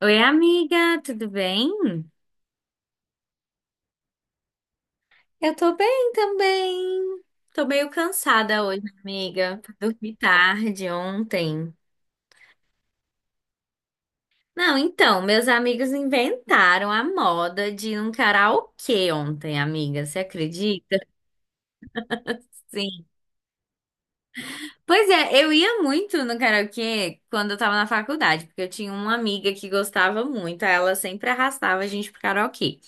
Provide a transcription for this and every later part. Oi, amiga, tudo bem? Eu tô bem também. Tô meio cansada hoje, amiga. Dormi tarde ontem. Não, então, meus amigos inventaram a moda de ir num karaokê ontem, amiga. Você acredita? Sim. Pois é, eu ia muito no karaokê quando eu tava na faculdade, porque eu tinha uma amiga que gostava muito, aí ela sempre arrastava a gente pro karaokê.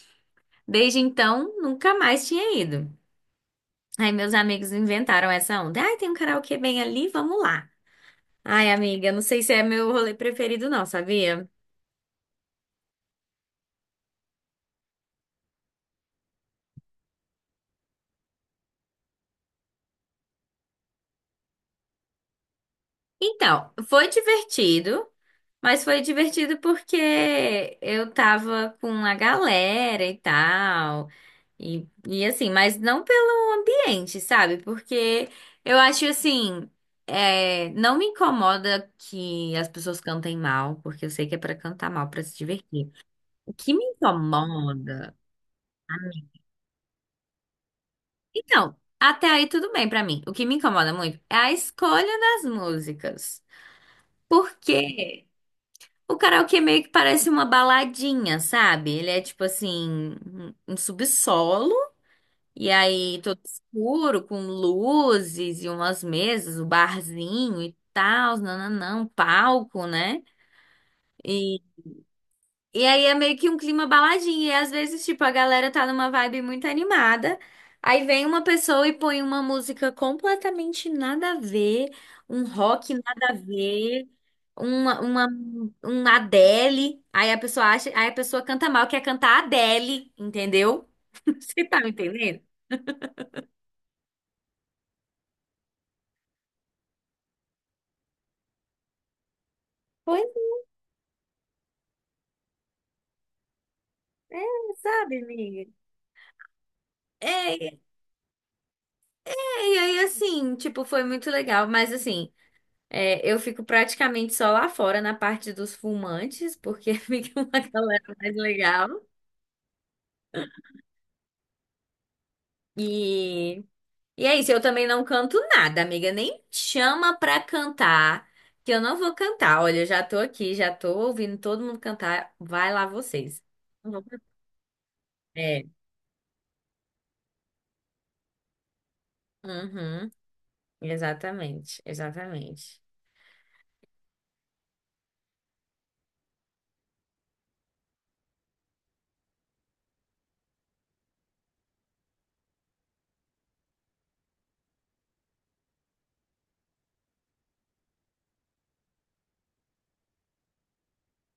Desde então, nunca mais tinha ido. Aí meus amigos inventaram essa onda. Ai, tem um karaokê bem ali, vamos lá. Ai, amiga, não sei se é meu rolê preferido não, sabia? Então, foi divertido, mas foi divertido porque eu tava com a galera e tal, e assim, mas não pelo ambiente, sabe? Porque eu acho assim, é, não me incomoda que as pessoas cantem mal, porque eu sei que é pra cantar mal, pra se divertir. O que me incomoda. Então, até aí tudo bem pra mim. O que me incomoda muito é a escolha das músicas. Porque o karaokê meio que parece uma baladinha, sabe? Ele é tipo assim, um subsolo, e aí todo escuro, com luzes e umas mesas, o barzinho e tal, nananã, um palco, né? E aí é meio que um clima baladinho. E às vezes, tipo, a galera tá numa vibe muito animada. Aí vem uma pessoa e põe uma música completamente nada a ver, um rock nada a ver, uma, uma, um Adele. Aí a pessoa acha, aí a pessoa canta mal, quer cantar Adele, entendeu? Você tá me entendendo? Pois é, sabe, amiga? É, é, e aí assim, tipo, foi muito legal, mas assim. É, eu fico praticamente só lá fora na parte dos fumantes, porque fica uma galera mais legal. E, e é isso, eu também não canto nada, amiga. Nem chama pra cantar, que eu não vou cantar. Olha, eu já tô aqui, já tô ouvindo todo mundo cantar. Vai lá vocês. Não vou cantar. É, uhum, exatamente, exatamente.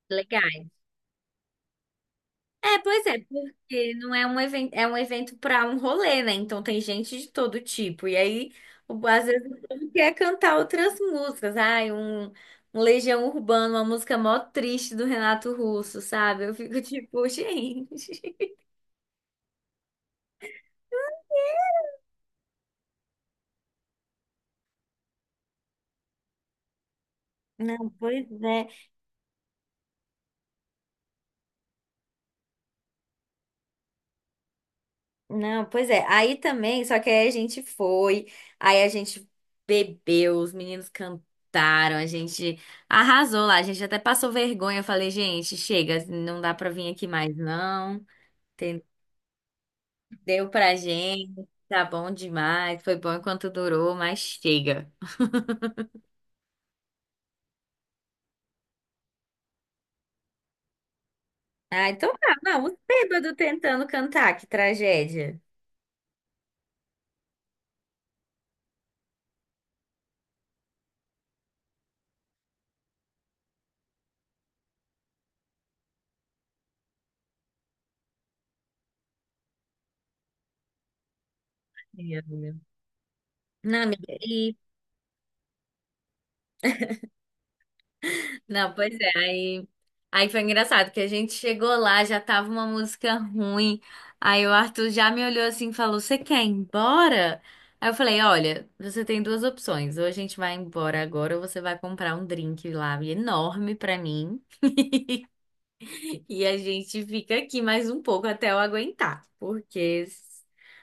Legal. É, pois é, porque não é um evento, é um evento para um rolê, né? Então tem gente de todo tipo. E aí, às vezes, o povo quer cantar outras músicas. Ai, um Legião Urbana, uma música mó triste do Renato Russo, sabe? Eu fico tipo, gente. Não, pois é. Não, pois é. Aí também, só que aí a gente foi, aí a gente bebeu, os meninos cantaram, a gente arrasou lá, a gente até passou vergonha. Eu falei, gente, chega, não dá pra vir aqui mais, não. Entendeu pra gente, tá bom demais, foi bom enquanto durou, mas chega. Ah, então tá, não, os bêbados tentando cantar, que tragédia. Sim, amiga. Não, amiga, e. Não, pois é, aí foi engraçado, porque a gente chegou lá, já tava uma música ruim, aí o Arthur já me olhou assim e falou, você quer ir embora? Aí eu falei, olha, você tem duas opções, ou a gente vai embora agora, ou você vai comprar um drink lá enorme pra mim. E a gente fica aqui mais um pouco até eu aguentar, porque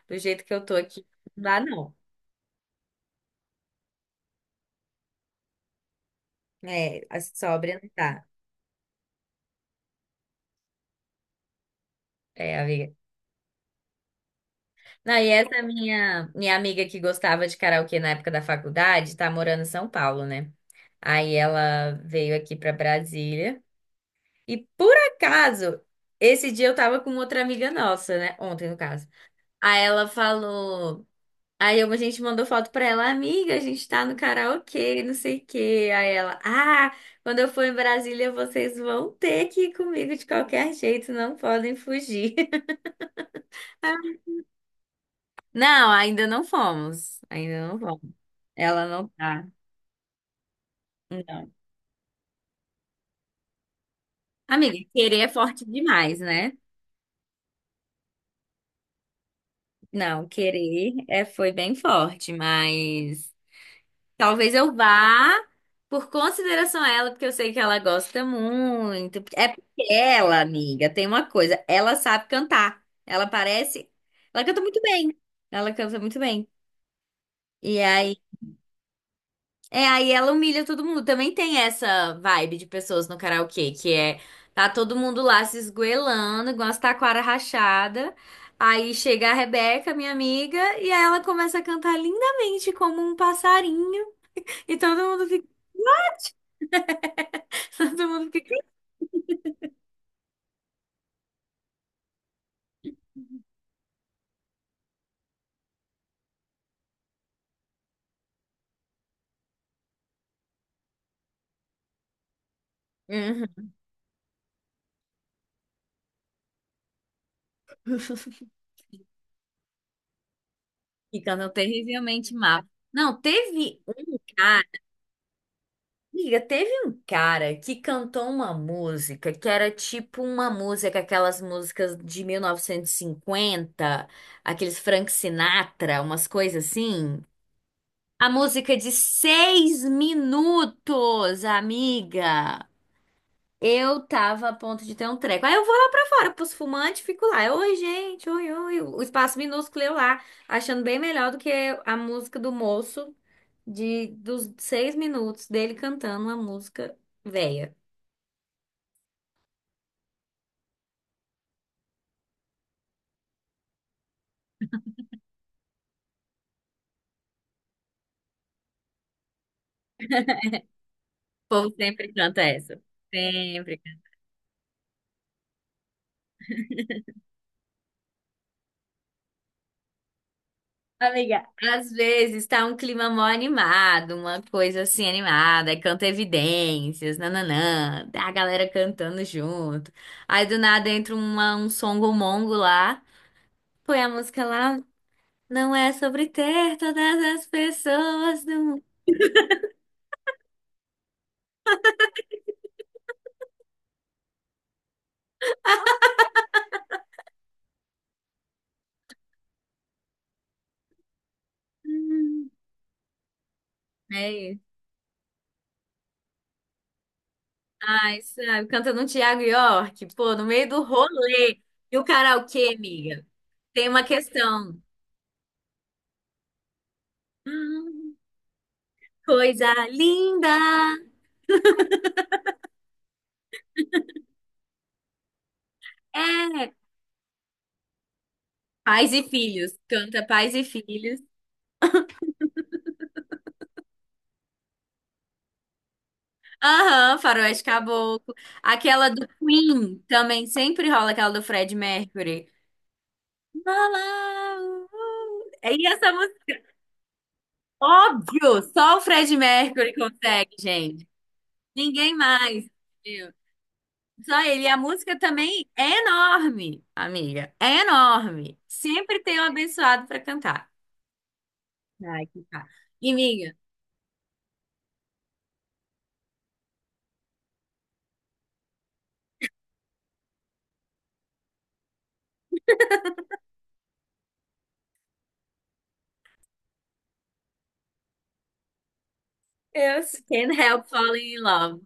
do jeito que eu tô aqui, não dá não. É, a sóbria não dá. É, amiga. Não, e essa minha amiga que gostava de karaokê na época da faculdade, tá morando em São Paulo, né? Aí ela veio aqui pra Brasília. E por acaso, esse dia eu tava com outra amiga nossa, né? Ontem, no caso. Aí ela falou. Aí a gente mandou foto pra ela, amiga, a gente tá no karaokê, não sei o quê. Aí ela, ah, quando eu for em Brasília, vocês vão ter que ir comigo de qualquer jeito, não podem fugir. Não, ainda não fomos, ainda não vamos. Ela não tá, não. Amiga, querer é forte demais, né? Não, querer é, foi bem forte, mas talvez eu vá por consideração a ela, porque eu sei que ela gosta muito. É porque ela, amiga, tem uma coisa, ela sabe cantar. Ela parece, ela canta muito bem. Ela canta muito bem. E aí, é, aí ela humilha todo mundo. Também tem essa vibe de pessoas no karaokê, que é tá todo mundo lá se esgoelando, igual as taquara rachada. Aí chega a Rebeca, minha amiga, e aí ela começa a cantar lindamente como um passarinho, e todo mundo fica. Todo mundo fica. Uhum. Então não terrivelmente má. Não, teve um cara, amiga, teve um cara que cantou uma música que era tipo uma música, aquelas músicas de 1950, aqueles Frank Sinatra, umas coisas assim. A música de 6 minutos, amiga. Eu tava a ponto de ter um treco. Aí eu vou lá pra fora, pros fumantes, fico lá. Eu, oi, gente, oi, oi. O espaço minúsculo eu lá, achando bem melhor do que a música do moço de dos 6 minutos dele cantando uma música velha. O povo sempre canta essa. Sempre. Amiga, às vezes tá um clima mó animado, uma coisa assim animada, aí canta Evidências, nananã, tá a galera cantando junto. Aí do nada entra um songo mongo lá, põe a música lá. Não é sobre ter todas as pessoas do mundo. Hum, É isso. Ai, sabe, cantando um Tiago York, pô, no meio do rolê. E o karaokê, amiga? Tem uma questão. Hum, coisa linda! É, pais e filhos. Canta pais e filhos. Aham, Faroeste Caboclo. Aquela do Queen também sempre rola aquela do Fred Mercury. Lá, lá, uh. E essa música. Óbvio, só o Fred Mercury consegue, gente. Ninguém mais. Entendeu? Só ele. E a música também é enorme, amiga. É enorme. Sempre tem um abençoado pra cantar. Ai, que tá. E, amiga, eu can't help falling in love.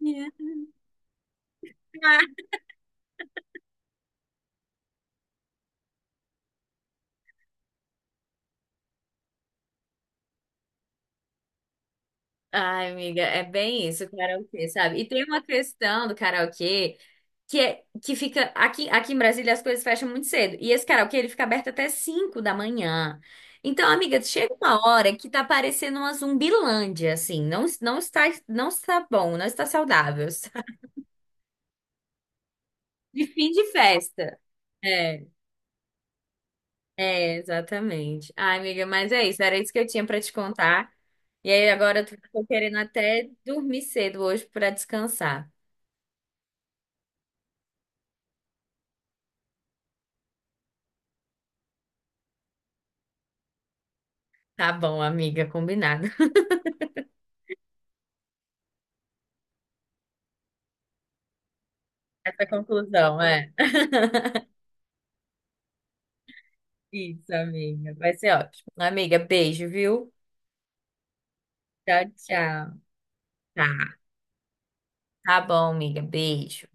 Yeah. Ai, amiga, é bem isso, o karaokê, sabe? E tem uma questão do karaokê que é que fica aqui, aqui em Brasília as coisas fecham muito cedo. E esse karaokê ele fica aberto até 5 da manhã. Então, amiga, chega uma hora que tá parecendo uma zumbilândia, assim, não, não está bom, não está saudável. Sabe? De fim de festa. É, é, exatamente. Ai, amiga, mas é isso, era isso que eu tinha pra te contar. E aí agora eu tô querendo até dormir cedo hoje pra descansar. Tá bom, amiga, combinado. Essa conclusão, é. Isso, amiga. Vai ser ótimo. Amiga, beijo, viu? Tchau, tchau. Tá, tá bom, amiga. Beijo.